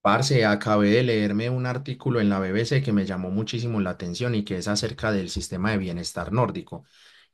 Parce, acabé de leerme un artículo en la BBC que me llamó muchísimo la atención y que es acerca del sistema de bienestar nórdico.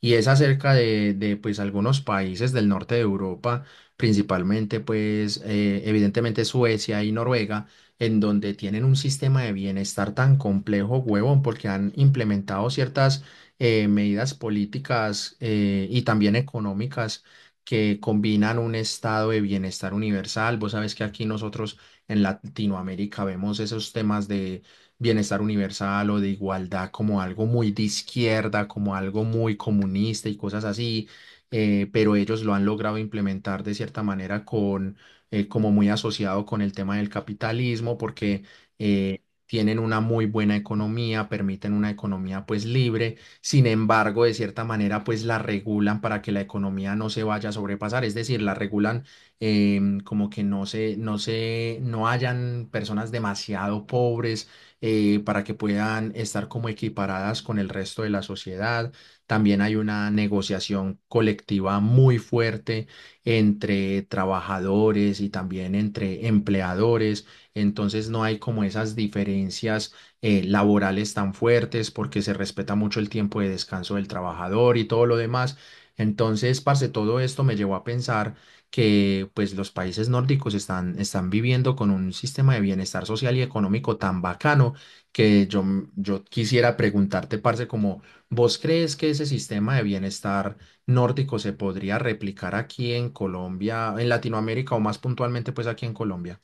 Y es acerca pues algunos países del norte de Europa, principalmente pues evidentemente Suecia y Noruega, en donde tienen un sistema de bienestar tan complejo, huevón, porque han implementado ciertas medidas políticas y también económicas que combinan un estado de bienestar universal. Vos sabés que aquí nosotros en Latinoamérica vemos esos temas de bienestar universal o de igualdad como algo muy de izquierda, como algo muy comunista y cosas así, pero ellos lo han logrado implementar de cierta manera con, como muy asociado con el tema del capitalismo, porque tienen una muy buena economía, permiten una economía pues libre. Sin embargo, de cierta manera pues la regulan para que la economía no se vaya a sobrepasar, es decir, la regulan como que no hayan personas demasiado pobres, para que puedan estar como equiparadas con el resto de la sociedad. También hay una negociación colectiva muy fuerte entre trabajadores y también entre empleadores. Entonces no hay como esas diferencias laborales tan fuertes, porque se respeta mucho el tiempo de descanso del trabajador y todo lo demás. Entonces, parce, todo esto me llevó a pensar que pues los países nórdicos están viviendo con un sistema de bienestar social y económico tan bacano que yo, yo quisiera preguntarte, parce, como ¿vos crees que ese sistema de bienestar nórdico se podría replicar aquí en Colombia, en Latinoamérica, o más puntualmente pues aquí en Colombia?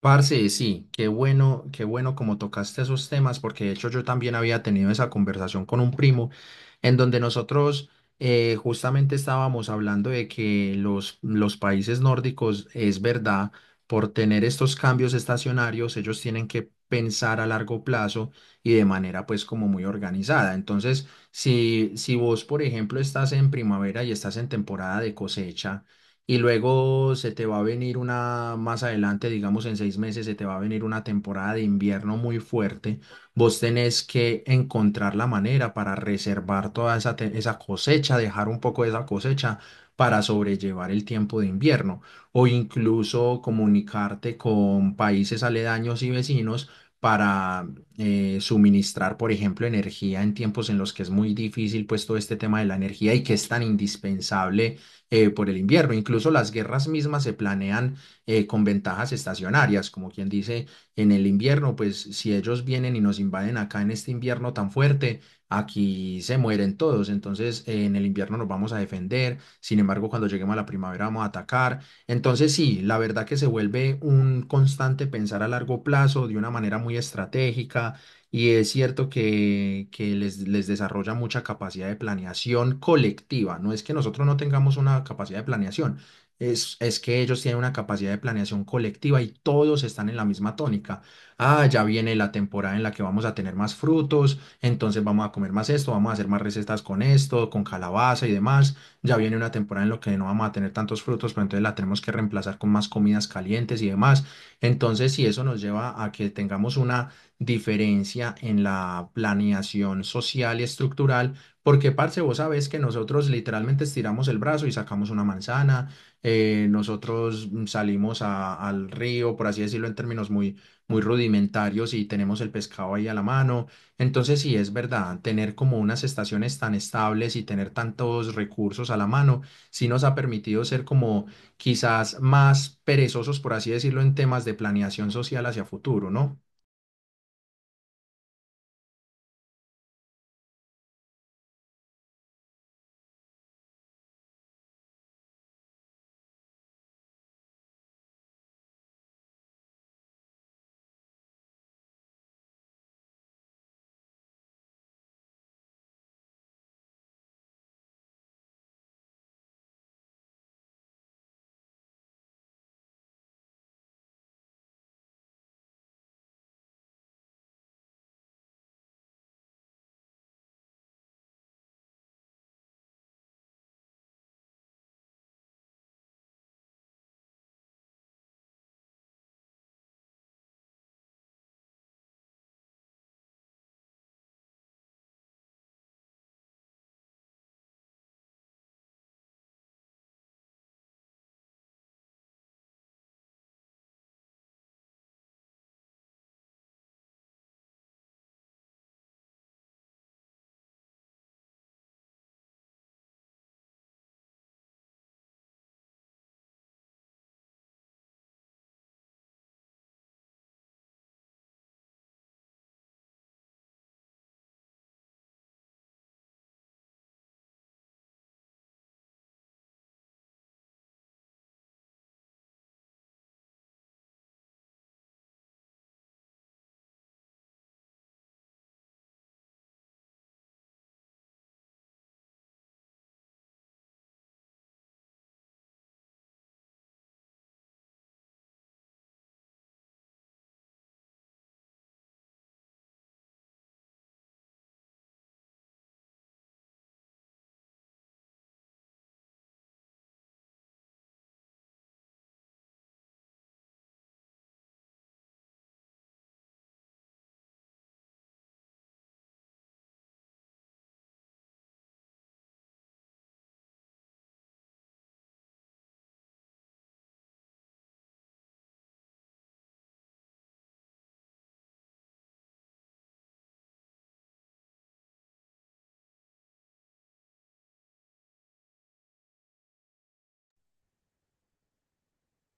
Parce, sí, qué bueno como tocaste esos temas, porque de hecho yo también había tenido esa conversación con un primo, en donde nosotros justamente estábamos hablando de que los países nórdicos, es verdad, por tener estos cambios estacionarios, ellos tienen que pensar a largo plazo y de manera pues como muy organizada. Entonces, si vos, por ejemplo, estás en primavera y estás en temporada de cosecha, y luego se te va a venir una, más adelante, digamos en 6 meses, se te va a venir una temporada de invierno muy fuerte. Vos tenés que encontrar la manera para reservar toda esa cosecha, dejar un poco de esa cosecha para sobrellevar el tiempo de invierno, o incluso comunicarte con países aledaños y vecinos para suministrar, por ejemplo, energía en tiempos en los que es muy difícil pues todo este tema de la energía y que es tan indispensable por el invierno. Incluso las guerras mismas se planean con ventajas estacionarias, como quien dice: en el invierno, pues si ellos vienen y nos invaden acá en este invierno tan fuerte, aquí se mueren todos, entonces en el invierno nos vamos a defender, sin embargo, cuando lleguemos a la primavera vamos a atacar. Entonces sí, la verdad que se vuelve un constante pensar a largo plazo de una manera muy estratégica, y es cierto que les desarrolla mucha capacidad de planeación colectiva. No es que nosotros no tengamos una capacidad de planeación, es que ellos tienen una capacidad de planeación colectiva y todos están en la misma tónica. Ah, ya viene la temporada en la que vamos a tener más frutos, entonces vamos a comer más esto, vamos a hacer más recetas con esto, con calabaza y demás. Ya viene una temporada en la que no vamos a tener tantos frutos, pero entonces la tenemos que reemplazar con más comidas calientes y demás. Entonces, si eso nos lleva a que tengamos una diferencia en la planeación social y estructural, porque, parce, vos sabés que nosotros literalmente estiramos el brazo y sacamos una manzana, nosotros salimos al río, por así decirlo, en términos muy, muy rudimentarios, y tenemos el pescado ahí a la mano. Entonces, sí, es verdad, tener como unas estaciones tan estables y tener tantos recursos a la mano sí nos ha permitido ser como quizás más perezosos, por así decirlo, en temas de planeación social hacia futuro, ¿no?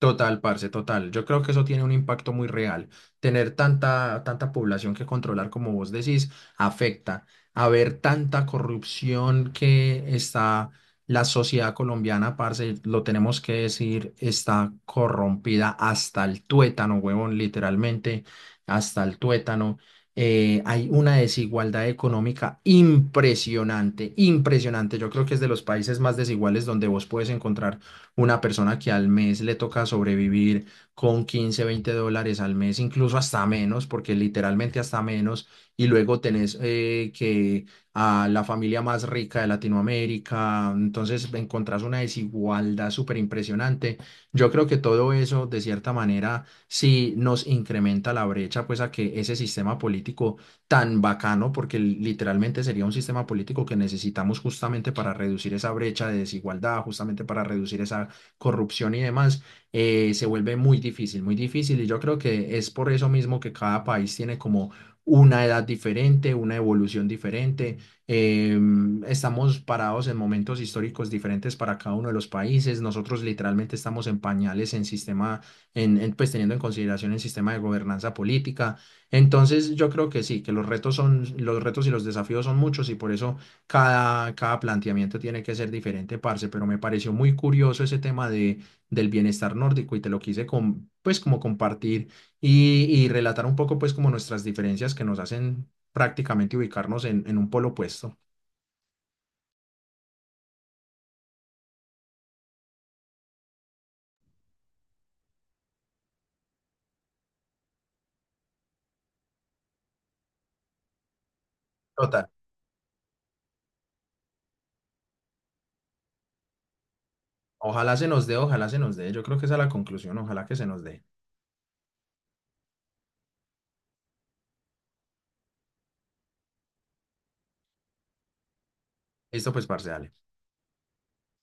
Total, parce, total. Yo creo que eso tiene un impacto muy real. Tener tanta, tanta población que controlar, como vos decís, afecta. Haber tanta corrupción que está la sociedad colombiana, parce, lo tenemos que decir, está corrompida hasta el tuétano, huevón, literalmente, hasta el tuétano. Hay una desigualdad económica impresionante, impresionante. Yo creo que es de los países más desiguales, donde vos puedes encontrar una persona que al mes le toca sobrevivir con 15, 20 dólares al mes, incluso hasta menos, porque literalmente hasta menos, y luego tenés que a la familia más rica de Latinoamérica, entonces encontrás una desigualdad súper impresionante. Yo creo que todo eso, de cierta manera, sí nos incrementa la brecha, pues a que ese sistema político tan bacano, porque literalmente sería un sistema político que necesitamos justamente para reducir esa brecha de desigualdad, justamente para reducir esa corrupción y demás, se vuelve muy difícil, muy difícil. Y yo creo que es por eso mismo que cada país tiene como una edad diferente, una evolución diferente. Estamos parados en momentos históricos diferentes para cada uno de los países. Nosotros literalmente estamos en pañales en sistema, pues teniendo en consideración el sistema de gobernanza política. Entonces, yo creo que sí, que los retos y los desafíos son muchos, y por eso cada planteamiento tiene que ser diferente, parce. Pero me pareció muy curioso ese tema del bienestar nórdico, y te lo quise pues como compartir y relatar un poco pues como nuestras diferencias que nos hacen prácticamente ubicarnos en un polo opuesto. Total, ojalá se nos dé, ojalá se nos dé, yo creo que esa es la conclusión, ojalá que se nos dé. Esto pues, parce, dale.